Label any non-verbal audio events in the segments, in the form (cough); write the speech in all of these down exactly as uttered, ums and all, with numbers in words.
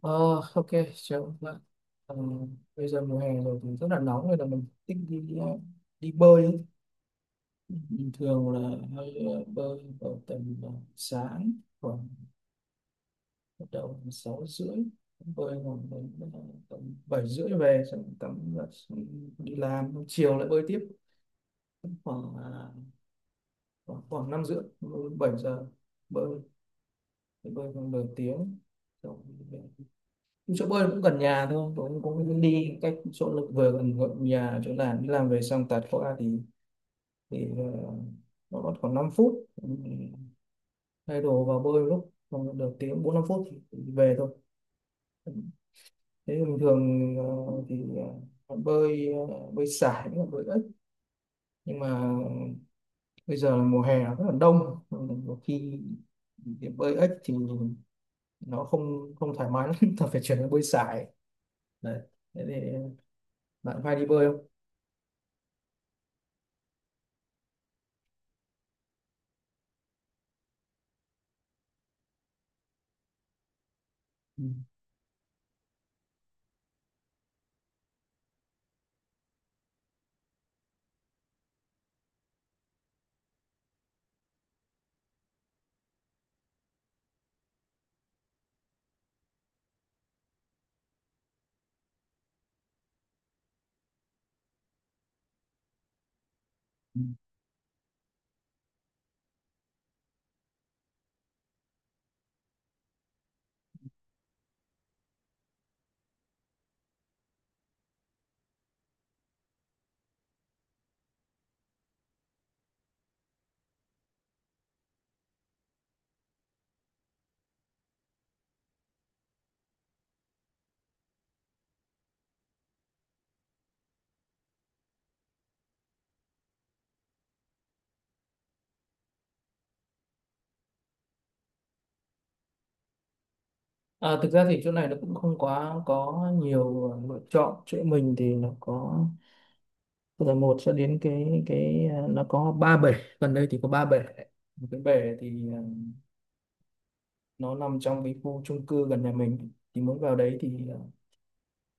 Ờ, ok, chào vâng. Ờ, Bây giờ mùa hè rồi thì rất là nóng nên là mình thích đi ờ, đi bơi ấy. Bình thường là hay ờ, bơi vào tầm ờ, sáng, khoảng bắt đầu từ sáu rưỡi bơi khoảng đến ờ, tầm bảy rưỡi về, xong tắm giặt, xong đi làm, xong chiều lại bơi tiếp khoảng à, khoảng khoảng năm rưỡi bơi bảy giờ, bơi bơi khoảng nửa tiếng xong. Chỗ bơi cũng gần nhà thôi, tôi cũng cũng đi cách chỗ lực vừa gần, gần nhà chỗ làm đi làm về xong tạt qua thì thì ờ, nó còn khoảng năm phút. Ừ, thay đồ vào bơi lúc còn được tiếng bốn năm phút thì thì về thôi. Thế thì bình thường, ờ, thì ờ, bơi ờ, bơi sải với cả bơi ếch, nhưng mà bây giờ là mùa hè nó rất là đông. Đôi khi thì bơi ếch thì nó không không thoải mái lắm (laughs) ta phải chuyển sang bơi sải đấy. Thế thì ờ, bạn hay đi bơi không? Ừ. À, thực ra thì chỗ này nó cũng không quá có nhiều ờ, lựa chọn. Chỗ mình thì nó có từ là một cho đến cái cái ờ, nó có ba bể, gần đây thì có ba bể. Một cái bể thì ờ, nó nằm trong cái khu chung cư gần nhà mình, thì muốn vào đấy thì ờ,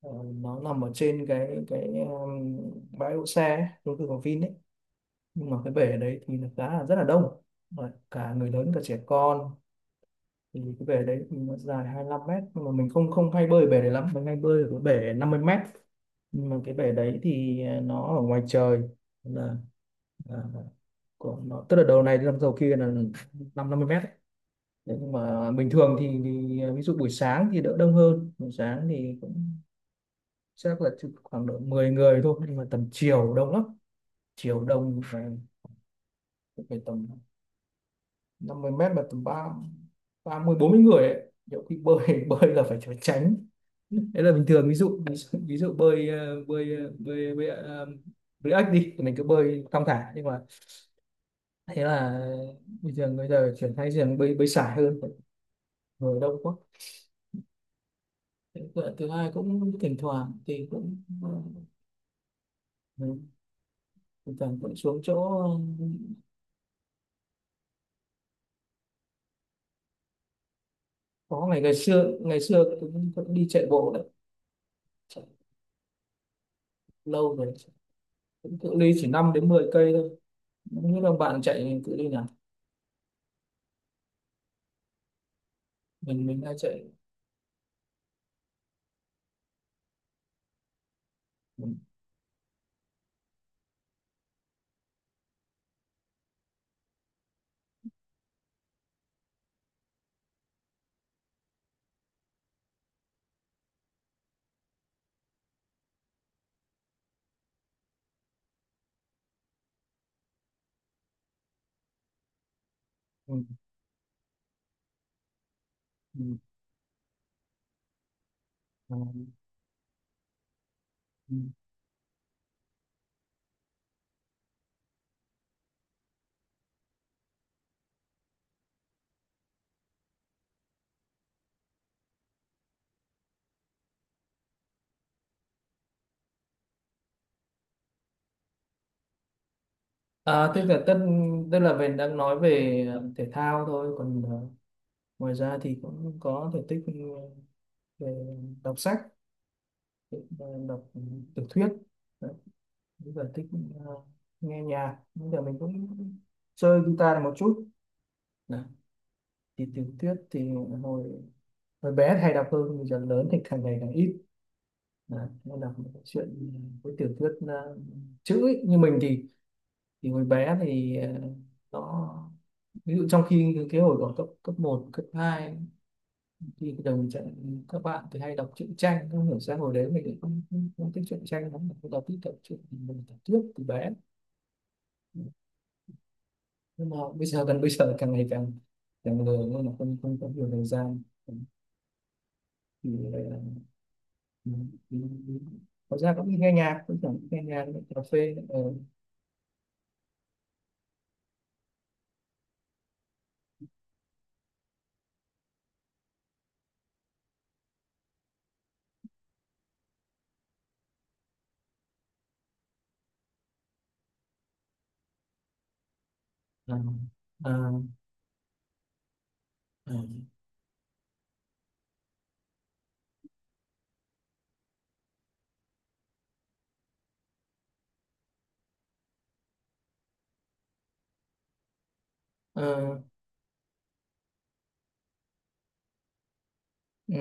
ờ, nó nằm ở trên cái cái ờ, bãi đỗ xe ấy, chung cư của Vin ấy. Nhưng mà cái bể ở đấy thì nó khá là rất là đông. Đấy, cả người lớn cả trẻ con. Thì cái bể đấy thì nó dài hai lăm mét, nhưng mà mình không không hay bơi ở bể đấy lắm, mình hay bơi ở cái bể năm mươi mét. Nhưng mà cái bể đấy thì à, nó ở ngoài trời, là, là của nó, tức là đầu này năm đầu kia là năm năm mươi mét đấy. Thế nhưng mà bình thường thì, thì à, ví dụ buổi sáng thì đỡ đông hơn, buổi sáng thì cũng chắc là chỉ khoảng độ mười người thôi, nhưng mà tầm chiều đông lắm. Chiều đông phải, phải tầm năm mươi mét mà tầm ba ba mươi bốn mươi người ấy, nhiều khi bơi (laughs) bơi là phải trốn tránh. Đấy là bình thường, ví dụ ví dụ, ví dụ bơi ờ, bơi ờ, bơi bơi, ờ, bơi ếch đi thì mình cứ bơi thong thả, nhưng mà thế là bây giờ bây giờ chuyển sang giường bơi bơi sải hơn, ngồi đông quá. Thế thứ thứ hai cũng thỉnh thoảng thì cũng ờ, ừ, thỉnh thoảng cũng xuống chỗ. ờ, có ngày, ngày xưa ngày xưa cũng, cũng đi chạy bộ đấy. Chạy lâu rồi, cũng cự ly chỉ năm đến mười cây thôi. Những đồng bạn chạy cự ly nào, mình mình hay chạy. Ừ. Ừ. Ừ. Ừ. Ừ. à, tức là tất tức là mình đang nói về ờ, thể thao thôi, còn ờ, ngoài ra thì cũng có thể tích về đọc sách, về đọc tiểu thuyết. Đấy, bây giờ thích ờ, nghe nhạc, bây giờ mình cũng chơi guitar này một chút. Đấy, thì tiểu thuyết thì hồi hồi bé thì hay đọc hơn, bây giờ lớn thì càng ngày càng ít. Đấy, nên đọc một cái chuyện ờ, với tiểu thuyết ờ, chữ ấy. Như mình thì thì hồi bé thì ờ, nó ví dụ, trong khi cái hồi đó cấp cấp một, cấp hai thì bây giờ mình sẽ, các bạn thì hay đọc truyện tranh, không hiểu sao hồi đấy mình cũng không, không, không thích truyện tranh lắm, mình đọc thích đọc truyện, mình đọc trước từ bé. Nhưng mà bây giờ gần bây giờ càng ngày càng càng lười nên là không không có nhiều thời gian, thì lại là mình- mình- mình- có ra cũng đi nghe nhạc, cũng chẳng nghe nhạc, nghe cà phê ờ, à, à, à, ờ, ừ,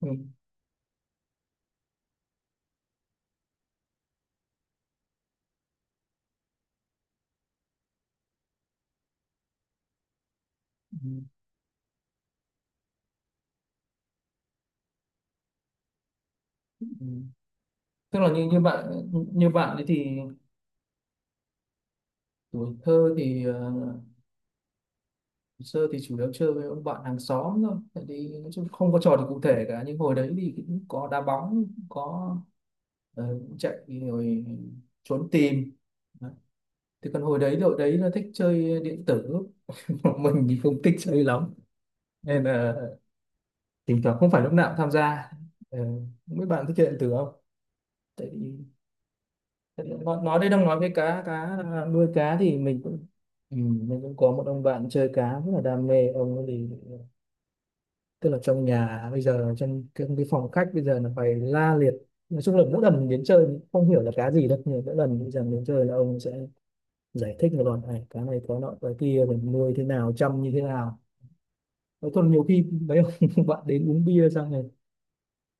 ừ, ừ, ừ. Tức là như như bạn, như bạn ấy thì tuổi thơ thì ờ, sơ thì chủ yếu chơi với ông bạn hàng xóm thôi, tại vì nói chung không có trò gì cụ thể cả, nhưng hồi đấy thì cũng có đá bóng, cũng có ờ, cũng chạy, rồi trốn tìm. Đấy. Thì còn hồi đấy đội đấy là thích chơi điện tử (laughs) Còn mình thì không thích chơi lắm, nên là thỉnh thoảng không phải lúc nào cũng tham gia. Ờ, Mấy bạn thích chơi điện tử không? Tại vì tại vì nói, nói đây đang nói với cá cá nuôi cá thì mình cũng. Ừ, mình cũng có một ông bạn chơi cá rất là đam mê, ông ấy thì tức là trong nhà bây giờ, trong cái, cái phòng khách bây giờ là phải la liệt. Nói chung là mỗi lần mình đến chơi mình không hiểu là cá gì đâu, nhưng mỗi lần bây giờ mình đến chơi là ông sẽ giải thích một đoạn, này cá này có nọ cái kia, mình nuôi thế nào, chăm như thế nào. Nói, còn nhiều khi mấy ông (laughs) bạn đến uống bia xong rồi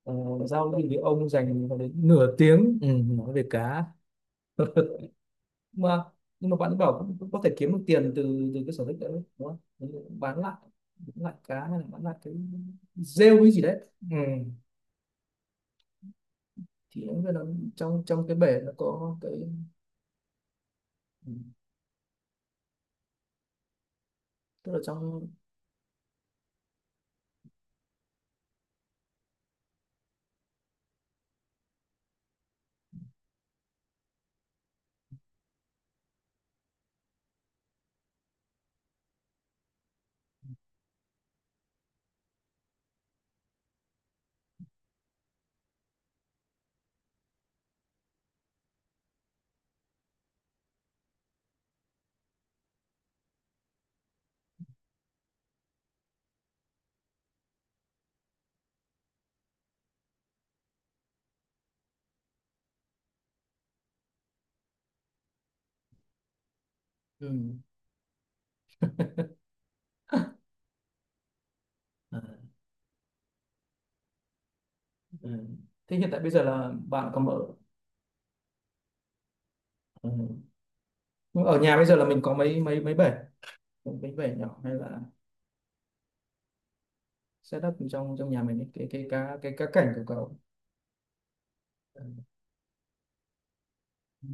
ờ, giao lưu thì ông dành đến nửa tiếng, ừ, nói về cá (laughs) mà nhưng mà bạn ấy bảo cũng cũng có thể kiếm được tiền từ từ cái sở thích đấy, đúng không? Bán lại bán lại cá, hay là bán lại cái rêu cái gì đấy. Ừ. Thì đúng là nó trong trong cái bể nó có cái. Ừ, tức là trong. Ừ. À, ừ. Thế hiện tại bây giờ là bạn còn ở. Ừ. Nhưng ở nhà bây giờ là mình có mấy mấy mấy bể, mấy bể nhỏ hay là setup trong trong nhà mình ấy, cái cái cá cái cá cảnh của cậu. Ừ.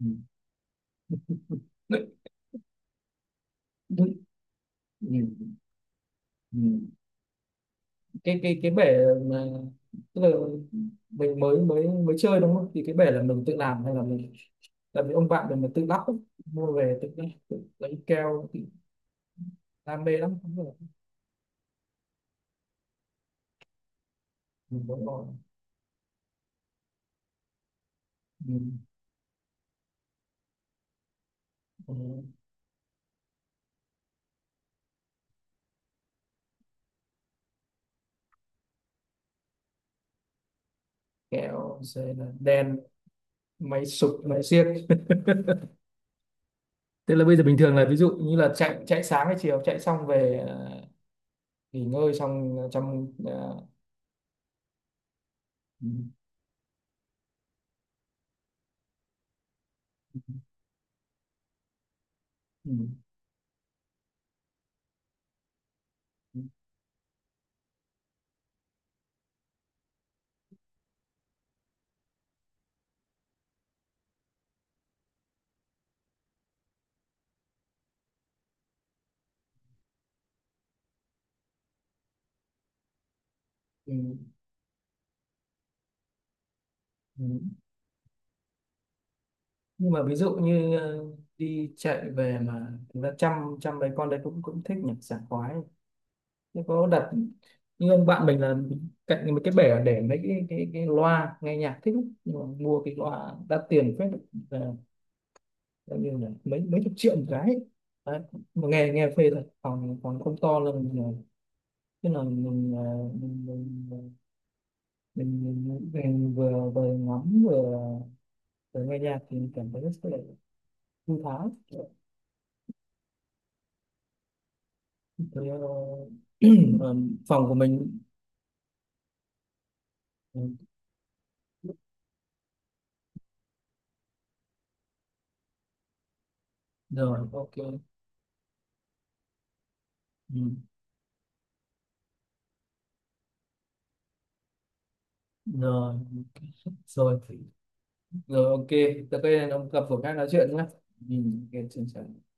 Ừ. Ừ. Ừ. Ừ. cái cái cái bể mà, tức là mình mới mới mới chơi đúng không, thì cái bể là mình tự làm hay là mình là vì ông bạn mình là tự lắp ấy. Mua về tự tự lấy keo, tự đam mê lắm không được. Mình muốn con kẹo rồi đèn, máy sụp máy xiếc (laughs) tức là bây giờ bình thường là ví dụ như là chạy chạy sáng hay chiều, chạy xong về ờ, nghỉ ngơi xong trong ờ, ừ, ừ, ừ, ừ. Nhưng mà ví dụ như ờ, đi chạy về mà chúng ta chăm chăm mấy con đấy, cũng cũng thích nhỉ, sảng khoái. Thế có đặt như ông bạn mình là cạnh một cái bể, để mấy cái cái cái loa nghe nhạc thích lắm. Nhưng mà mua cái loa đắt tiền phết, là coi như là mấy mấy chục triệu một cái ấy. Đấy. Mà nghe nghe phê thật. Phòng phòng không to, là mình ờ, tức là mình ờ, mình mình, mình, mình, mình mình vừa vừa ngắm, vừa, vừa nghe nhạc thì mình cảm thấy rất là thư thái. Thế. ờ, (clears throat) ờ, phòng của mình. Ừ, rồi, ok. Ừ, rồi rồi. Rồi, ok, tới đây ông gặp phường khác nói chuyện nhé. Ừ, ok, xin chào.